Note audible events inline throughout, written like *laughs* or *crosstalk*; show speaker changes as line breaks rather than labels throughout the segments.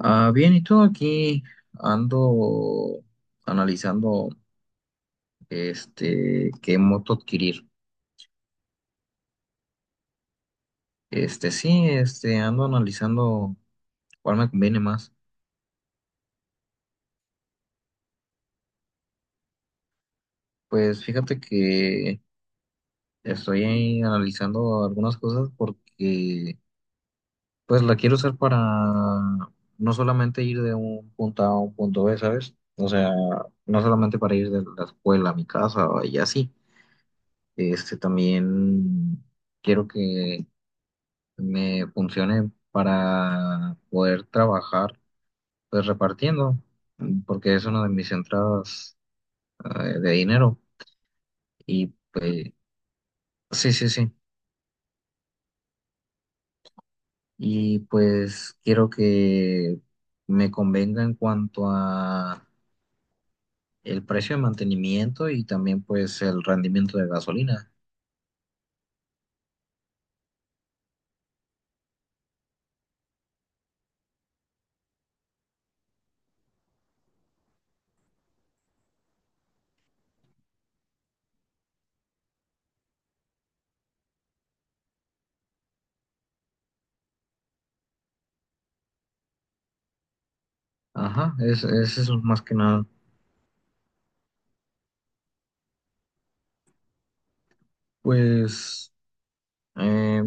Ah, bien, y todo aquí ando analizando qué moto adquirir. Sí, ando analizando cuál me conviene más. Pues fíjate que estoy ahí analizando algunas cosas porque pues la quiero usar para no solamente ir de un punto A a un punto B, ¿sabes? O sea, no solamente para ir de la escuela a mi casa y así. También quiero que me funcione para poder trabajar pues repartiendo, porque es una de mis entradas de dinero. Y pues, sí, sí, sí. Y pues quiero que me convenga en cuanto a el precio de mantenimiento y también pues el rendimiento de gasolina. Ajá, es eso más que nada. Pues eh,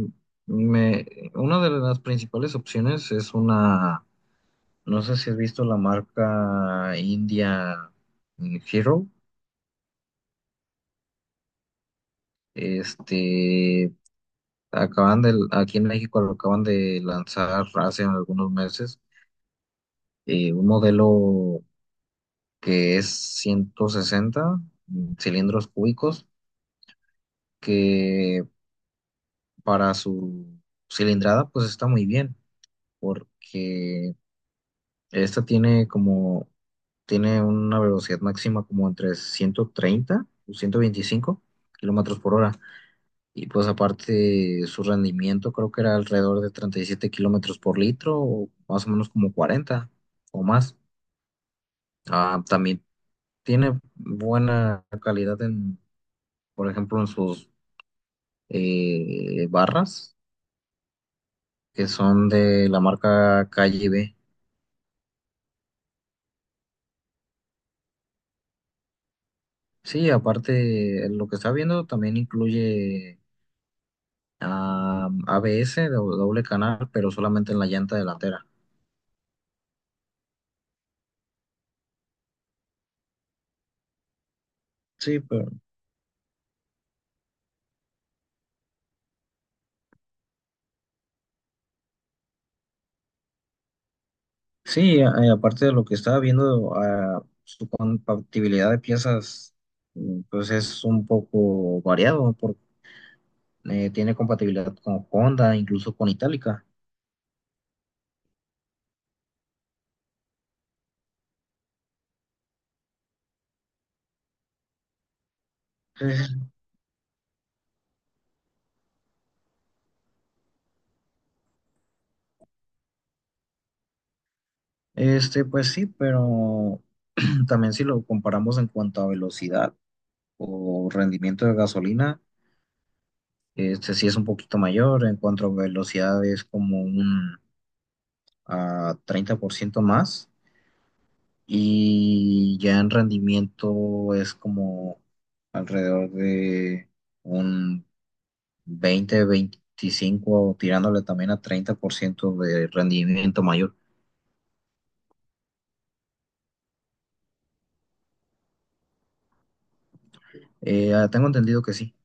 me, una de las principales opciones es una. No sé si has visto la marca India, Hero. Este, aquí en México lo acaban de lanzar hace algunos meses, un modelo que es 160 cilindros cúbicos, que para su cilindrada pues está muy bien, porque esta tiene una velocidad máxima como entre 130 o 125 kilómetros por hora. Y pues aparte su rendimiento creo que era alrededor de 37 kilómetros por litro, o más o menos como 40 o más. Ah, también tiene buena calidad en, por ejemplo, en sus barras, que son de la marca Calle B. Sí, aparte lo que está viendo también incluye ABS, doble canal, pero solamente en la llanta delantera. Sí, pero sí, aparte de lo que estaba viendo, su compatibilidad de piezas, pues es un poco variado, tiene compatibilidad con Honda, incluso con Itálica. Ujú. Pues sí, pero *clears throat* también si lo comparamos en cuanto a velocidad o rendimiento de gasolina, sí es un poquito mayor, en cuanto a velocidad es como un 30% más y ya en rendimiento es como alrededor de un 20 25 tirándole también a 30% de rendimiento mayor. Tengo entendido que sí.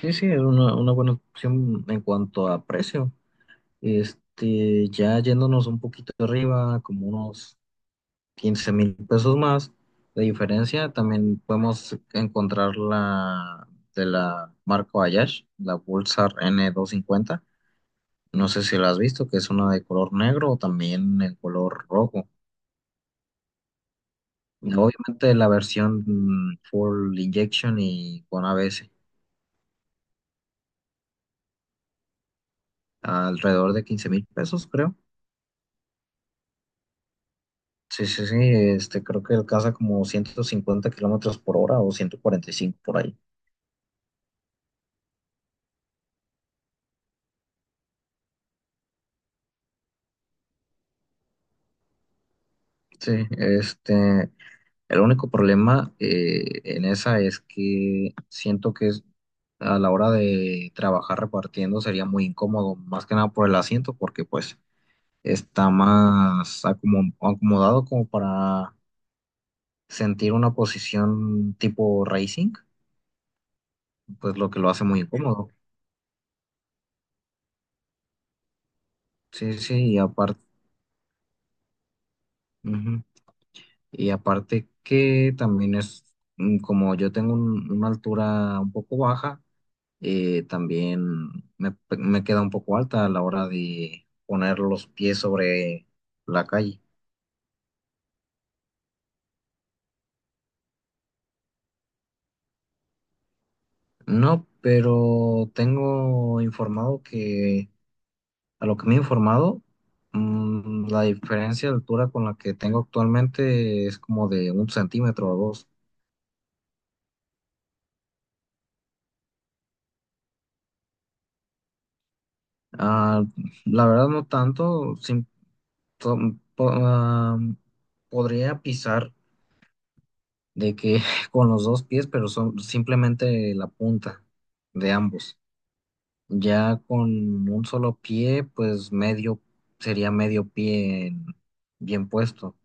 Sí, sí, es una buena opción en cuanto a precio. Ya yéndonos un poquito arriba, como unos 15,000 pesos más de diferencia. También podemos encontrar la de la marca Bayash, la Pulsar n 250. No sé si la has visto, que es una de color negro o también en color rojo. Y obviamente la versión full injection y con ABS, alrededor de 15,000 pesos, creo. Sí, sí, sí, creo que alcanza como 150 kilómetros por hora o 145 por ahí. Sí. El único problema en esa es que siento que a la hora de trabajar repartiendo sería muy incómodo, más que nada por el asiento, porque pues está más acomodado como para sentir una posición tipo racing, pues lo que lo hace muy incómodo. Sí, sí, Y aparte que también como yo tengo una altura un poco baja, también me queda un poco alta a la hora de poner los pies sobre la calle. No, pero tengo informado que, a lo que me he informado, la diferencia de altura con la que tengo actualmente es como de un centímetro o dos. Ah, la verdad no tanto, to- po- ah, podría pisar de que *laughs* con los dos pies, pero son simplemente la punta de ambos. Ya con un solo pie, pues medio, sería medio pie bien puesto.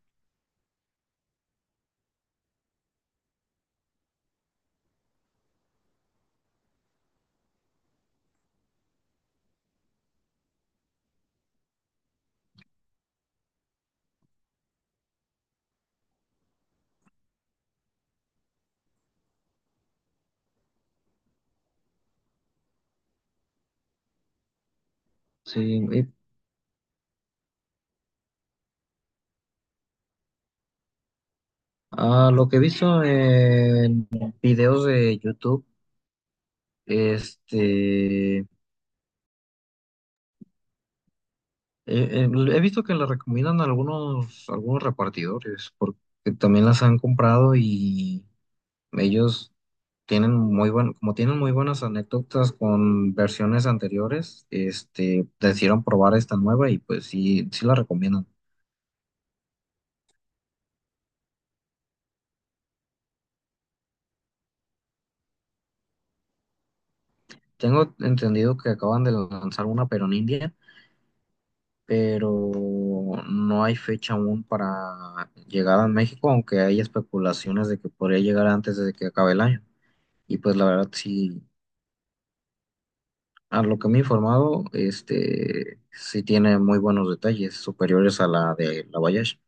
Sí, y a lo que he visto en videos de YouTube, este, eh, he visto que le recomiendan algunos repartidores, porque también las han comprado y ellos tienen muy buen, como tienen muy buenas anécdotas con versiones anteriores, decidieron probar esta nueva y pues sí, sí la recomiendan. Tengo entendido que acaban de lanzar una, pero en India, pero no hay fecha aún para llegada a México, aunque hay especulaciones de que podría llegar antes de que acabe el año. Y pues la verdad, sí, a lo que me he informado, sí tiene muy buenos detalles, superiores a la de la Voyage.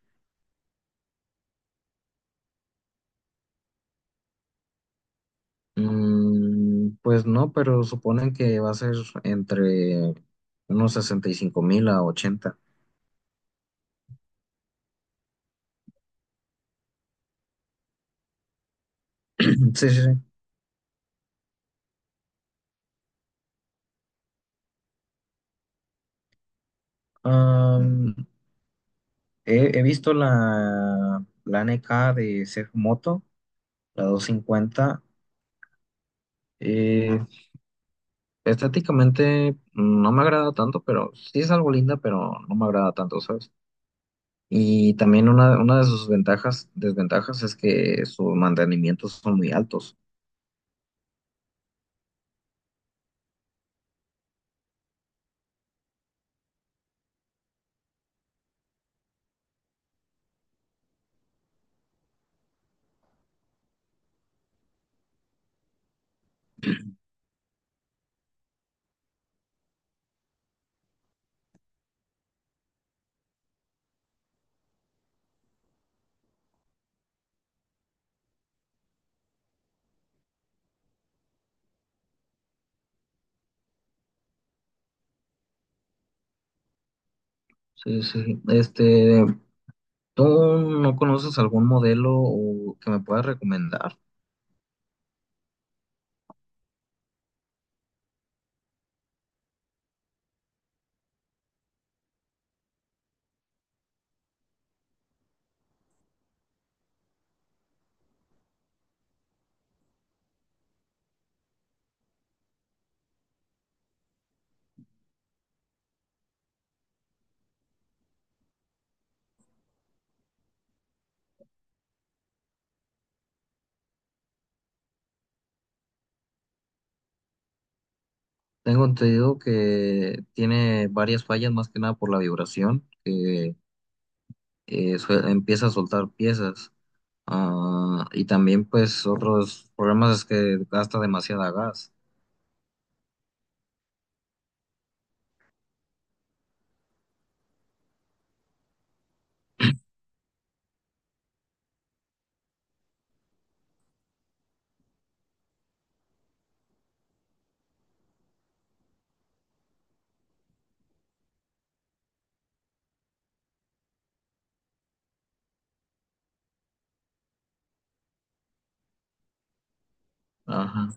Pues no, pero suponen que va a ser entre unos 65,000 a ochenta. *clears throat* Sí, sí, sí. He visto la NK de Seth Moto, la 250. eh, Estéticamente no me agrada tanto, pero sí es algo linda, pero no me agrada tanto, ¿sabes? Y también una de sus ventajas, desventajas es que sus mantenimientos son muy altos. Sí, sí. ¿Tú no conoces algún modelo o que me puedas recomendar? Tengo entendido que tiene varias fallas, más que nada por la vibración, que empieza a soltar piezas. Ah, y también pues otros problemas es que gasta demasiada gas. Ajá.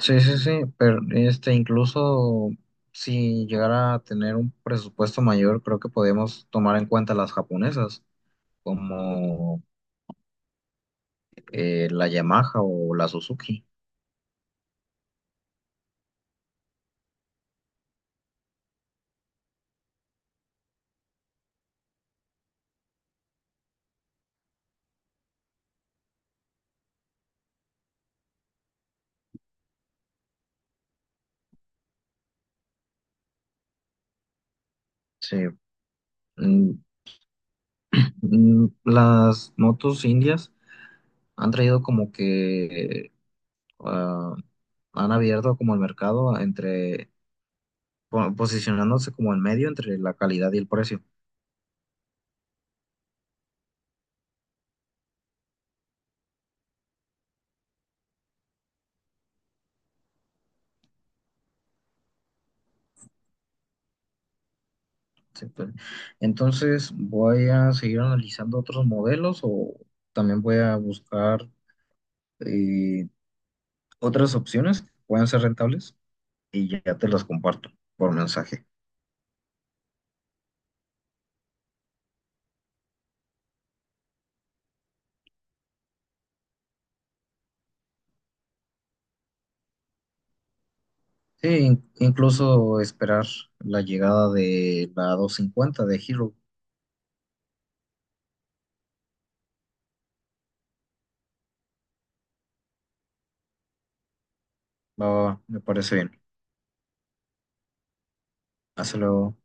Sí, sí, sí, pero incluso si llegara a tener un presupuesto mayor, creo que podemos tomar en cuenta las japonesas, como la Yamaha o la Suzuki. Sí. Mm, las motos indias han traído como que ah, han abierto como el mercado entre posicionándose como en medio entre la calidad y el precio. Sí, pues. Entonces, voy a seguir analizando otros modelos o también voy a buscar eh, otras opciones que puedan ser rentables y ya te las comparto por mensaje. Sí, incluso esperar la llegada de la 250 de Hero. Va, va, va, me parece bien. Hasta luego.